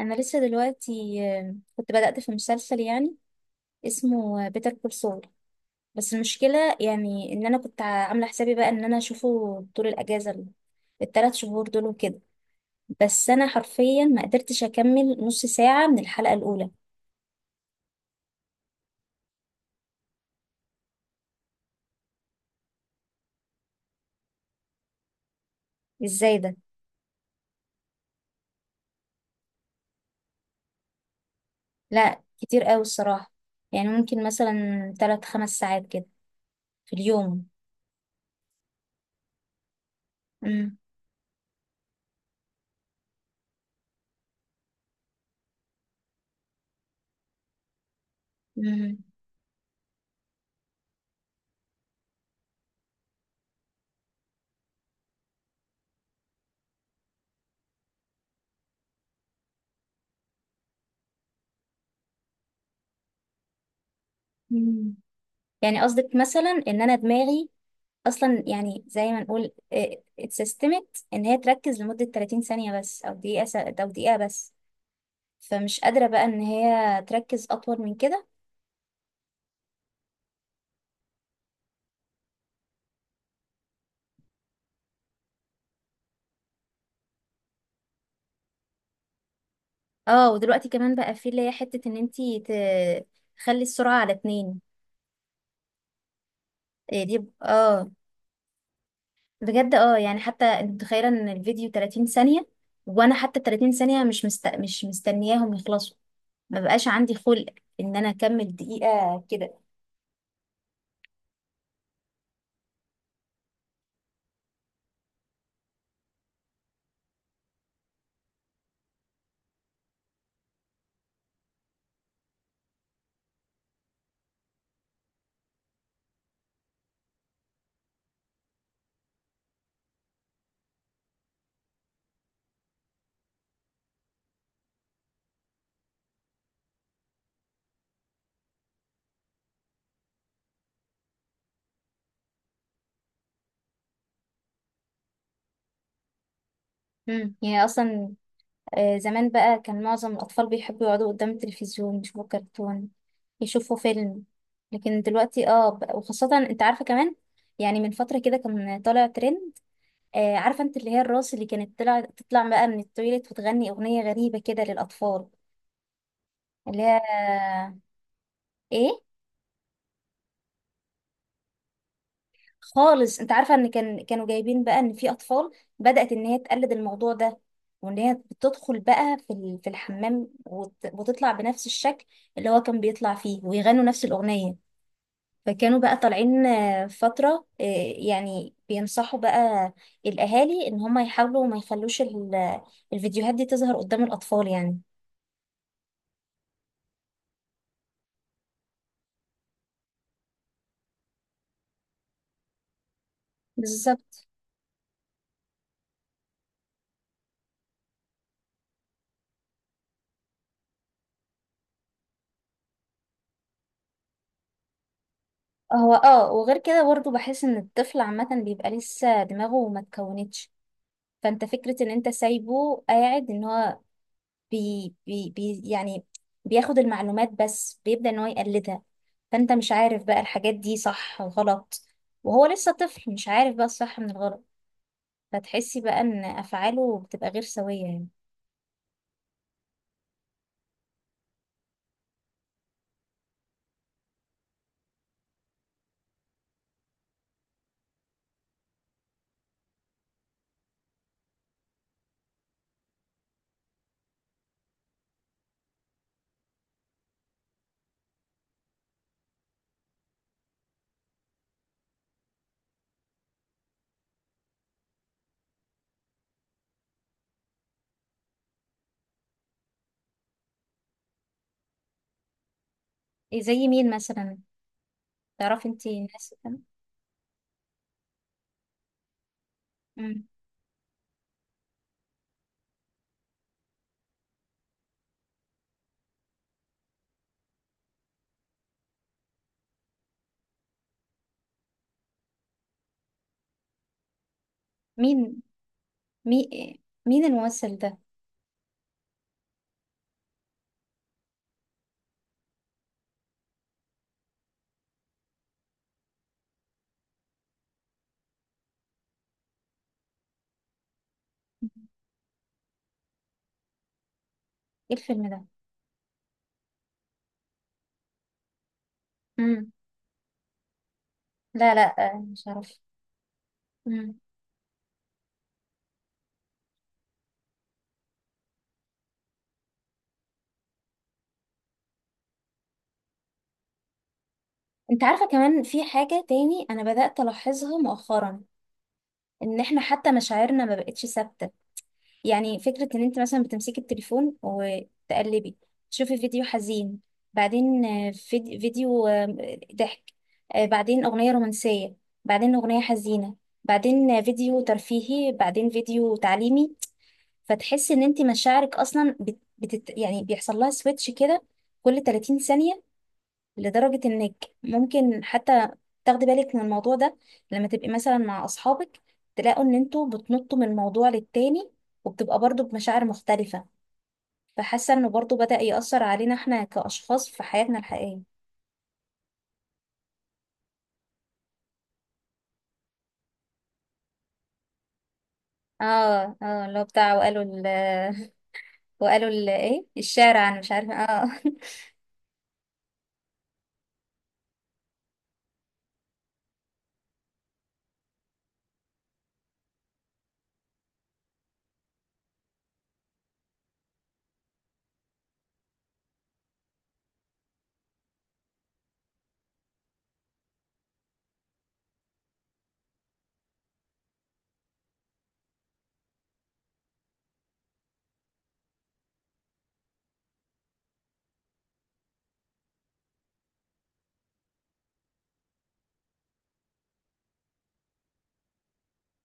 انا لسه دلوقتي كنت بدأت في مسلسل يعني اسمه بيتر كول سول. بس المشكلة يعني ان انا كنت عاملة حسابي بقى ان انا اشوفه طول الاجازة التلات شهور دول وكده. بس انا حرفيا ما قدرتش اكمل نص ساعة من الحلقة الاولى. ازاي ده؟ لا، كتير قوي الصراحة. يعني ممكن مثلا 3-5 ساعات كده في اليوم. مم. مم. مم. يعني قصدك مثلا ان انا دماغي اصلا يعني زي ما نقول إيه، اتسيستمت ان هي تركز لمدة 30 ثانية بس او دقيقة او دقيقة بس. فمش قادرة بقى ان هي تركز اطول من كده. اه، ودلوقتي كمان بقى في اللي هي حتة ان انتي تخلي السرعة على 2. إيه دي، بجد يعني حتى انت متخيلة ان الفيديو 30 ثانية، وانا حتى 30 ثانية مش مستنياهم يخلصوا. ما بقاش عندي خلق ان انا اكمل دقيقة كده. يعني اصلا زمان بقى كان معظم الأطفال بيحبوا يقعدوا قدام التلفزيون يشوفوا كرتون، يشوفوا فيلم. لكن دلوقتي وخاصة انت عارفة كمان. يعني من فترة كده كان طالع ترند، عارفة انت اللي هي الراس اللي كانت تطلع بقى من التويليت وتغني أغنية غريبة كده للأطفال، اللي هي ايه. خالص، انت عارفه ان كانوا جايبين بقى ان في اطفال بدات ان هي تقلد الموضوع ده، وان هي بتدخل بقى في في الحمام وتطلع بنفس الشكل اللي هو كان بيطلع فيه ويغنوا نفس الاغنيه. فكانوا بقى طالعين فتره يعني بينصحوا بقى الاهالي ان هم يحاولوا ما يخلوش الفيديوهات دي تظهر قدام الاطفال يعني. بالظبط. هو وغير كده برضه بحس ان الطفل عامه بيبقى لسه دماغه ما اتكونتش. فانت فكرة ان انت سايبه قاعد ان هو بي بي بي يعني بياخد المعلومات بس بيبدأ ان هو يقلدها. فانت مش عارف بقى الحاجات دي صح وغلط، وهو لسه طفل مش عارف بقى الصح من الغلط. فتحسي بقى ان افعاله بتبقى غير سوية يعني. إيه زي مين مثلا؟ تعرفي انتي الناس كده؟ مم. مين، مين، مين الممثل ده؟ ايه الفيلم ده؟ مم. لا، لا، مش عارف. مم. انت عارفة كمان في حاجة تاني انا بدأت الاحظها مؤخرا، ان احنا حتى مشاعرنا ما بقتش ثابته. يعني فكره ان انت مثلا بتمسكي التليفون وتقلبي، تشوفي فيديو حزين، بعدين فيديو ضحك، بعدين اغنيه رومانسيه، بعدين اغنيه حزينه، بعدين فيديو ترفيهي، بعدين فيديو تعليمي. فتحسي ان انت مشاعرك اصلا يعني بيحصل لها سويتش كده كل 30 ثانيه. لدرجة انك ممكن حتى تاخدي بالك من الموضوع ده لما تبقي مثلا مع اصحابك، تلاقوا ان انتوا بتنطوا من موضوع للتاني، وبتبقى برضو بمشاعر مختلفة. فحاسة انه برضو بدأ يأثر علينا احنا كأشخاص في حياتنا الحقيقية. اه، اه، اللي هو بتاع وقالوا ال وقالوا ال ايه الشارع، انا مش عارفة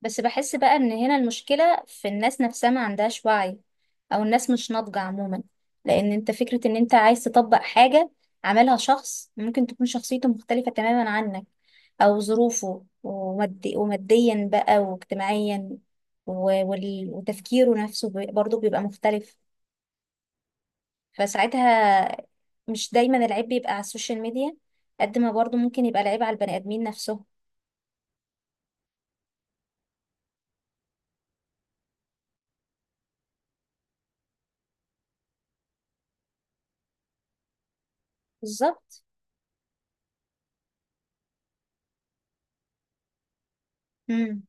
بس بحس بقى ان هنا المشكلة في الناس نفسها، ما عندهاش وعي، او الناس مش ناضجة عموما. لان انت فكرة ان انت عايز تطبق حاجة عملها شخص ممكن تكون شخصيته مختلفة تماما عنك، او ظروفه ومادي وماديا بقى واجتماعيا وتفكيره نفسه برضه بيبقى مختلف فساعتها. مش دايما العيب بيبقى على السوشيال ميديا، قد ما برضه ممكن يبقى العيب على البني ادمين نفسهم. بالظبط. مم.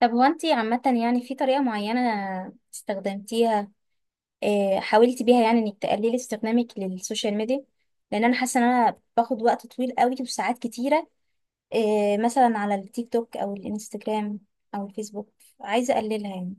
طب هو انتي عامة، يعني في طريقة معينة استخدمتيها، حاولتي بيها يعني انك تقللي استخدامك للسوشيال ميديا؟ لان انا حاسة ان انا باخد وقت طويل قوي وساعات كتيرة، مثلا على التيك توك او الانستجرام او الفيسبوك. عايزة اقللها يعني.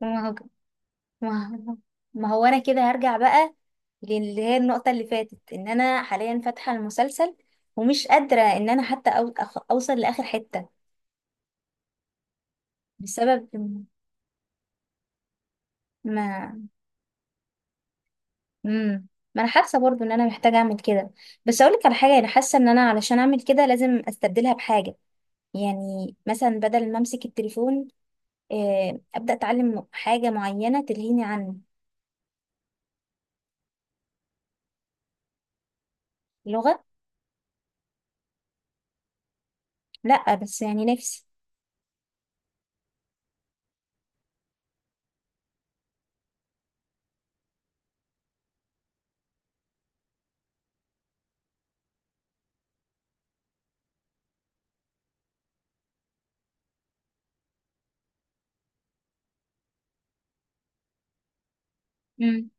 ما هو ما هو ما هو انا كده هرجع بقى للي هي النقطة اللي فاتت، ان انا حاليا فاتحة المسلسل ومش قادرة ان انا حتى اوصل لاخر حتة بسبب. ما امم ما انا حاسه برضو ان انا محتاجه اعمل كده. بس اقول لك على حاجه، انا حاسه ان انا علشان اعمل كده لازم استبدلها بحاجه. يعني مثلا بدل ما امسك التليفون، ابدا اتعلم حاجه معينه تلهيني عن. لغه. لا، بس يعني نفسي. امم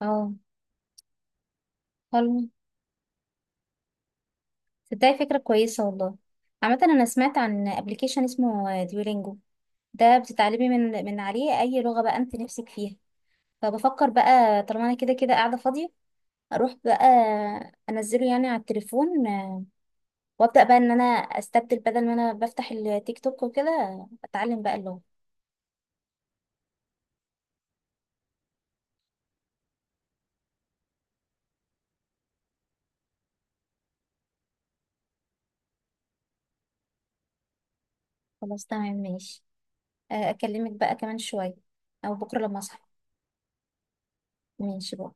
اه حلو. تصدقي فكره كويسه والله. عامه انا سمعت عن ابلكيشن اسمه ديولينجو، ده بتتعلمي من عليه اي لغه بقى انت نفسك فيها. فبفكر بقى طالما انا كده كده قاعده فاضيه، اروح بقى انزله يعني على التليفون، وابدا بقى ان انا استبدل، بدل ما انا بفتح التيك توك وكده اتعلم بقى اللغه. خلاص، تمام، ماشي. اكلمك بقى كمان شويه او بكره لما اصحى. ماشي بقى.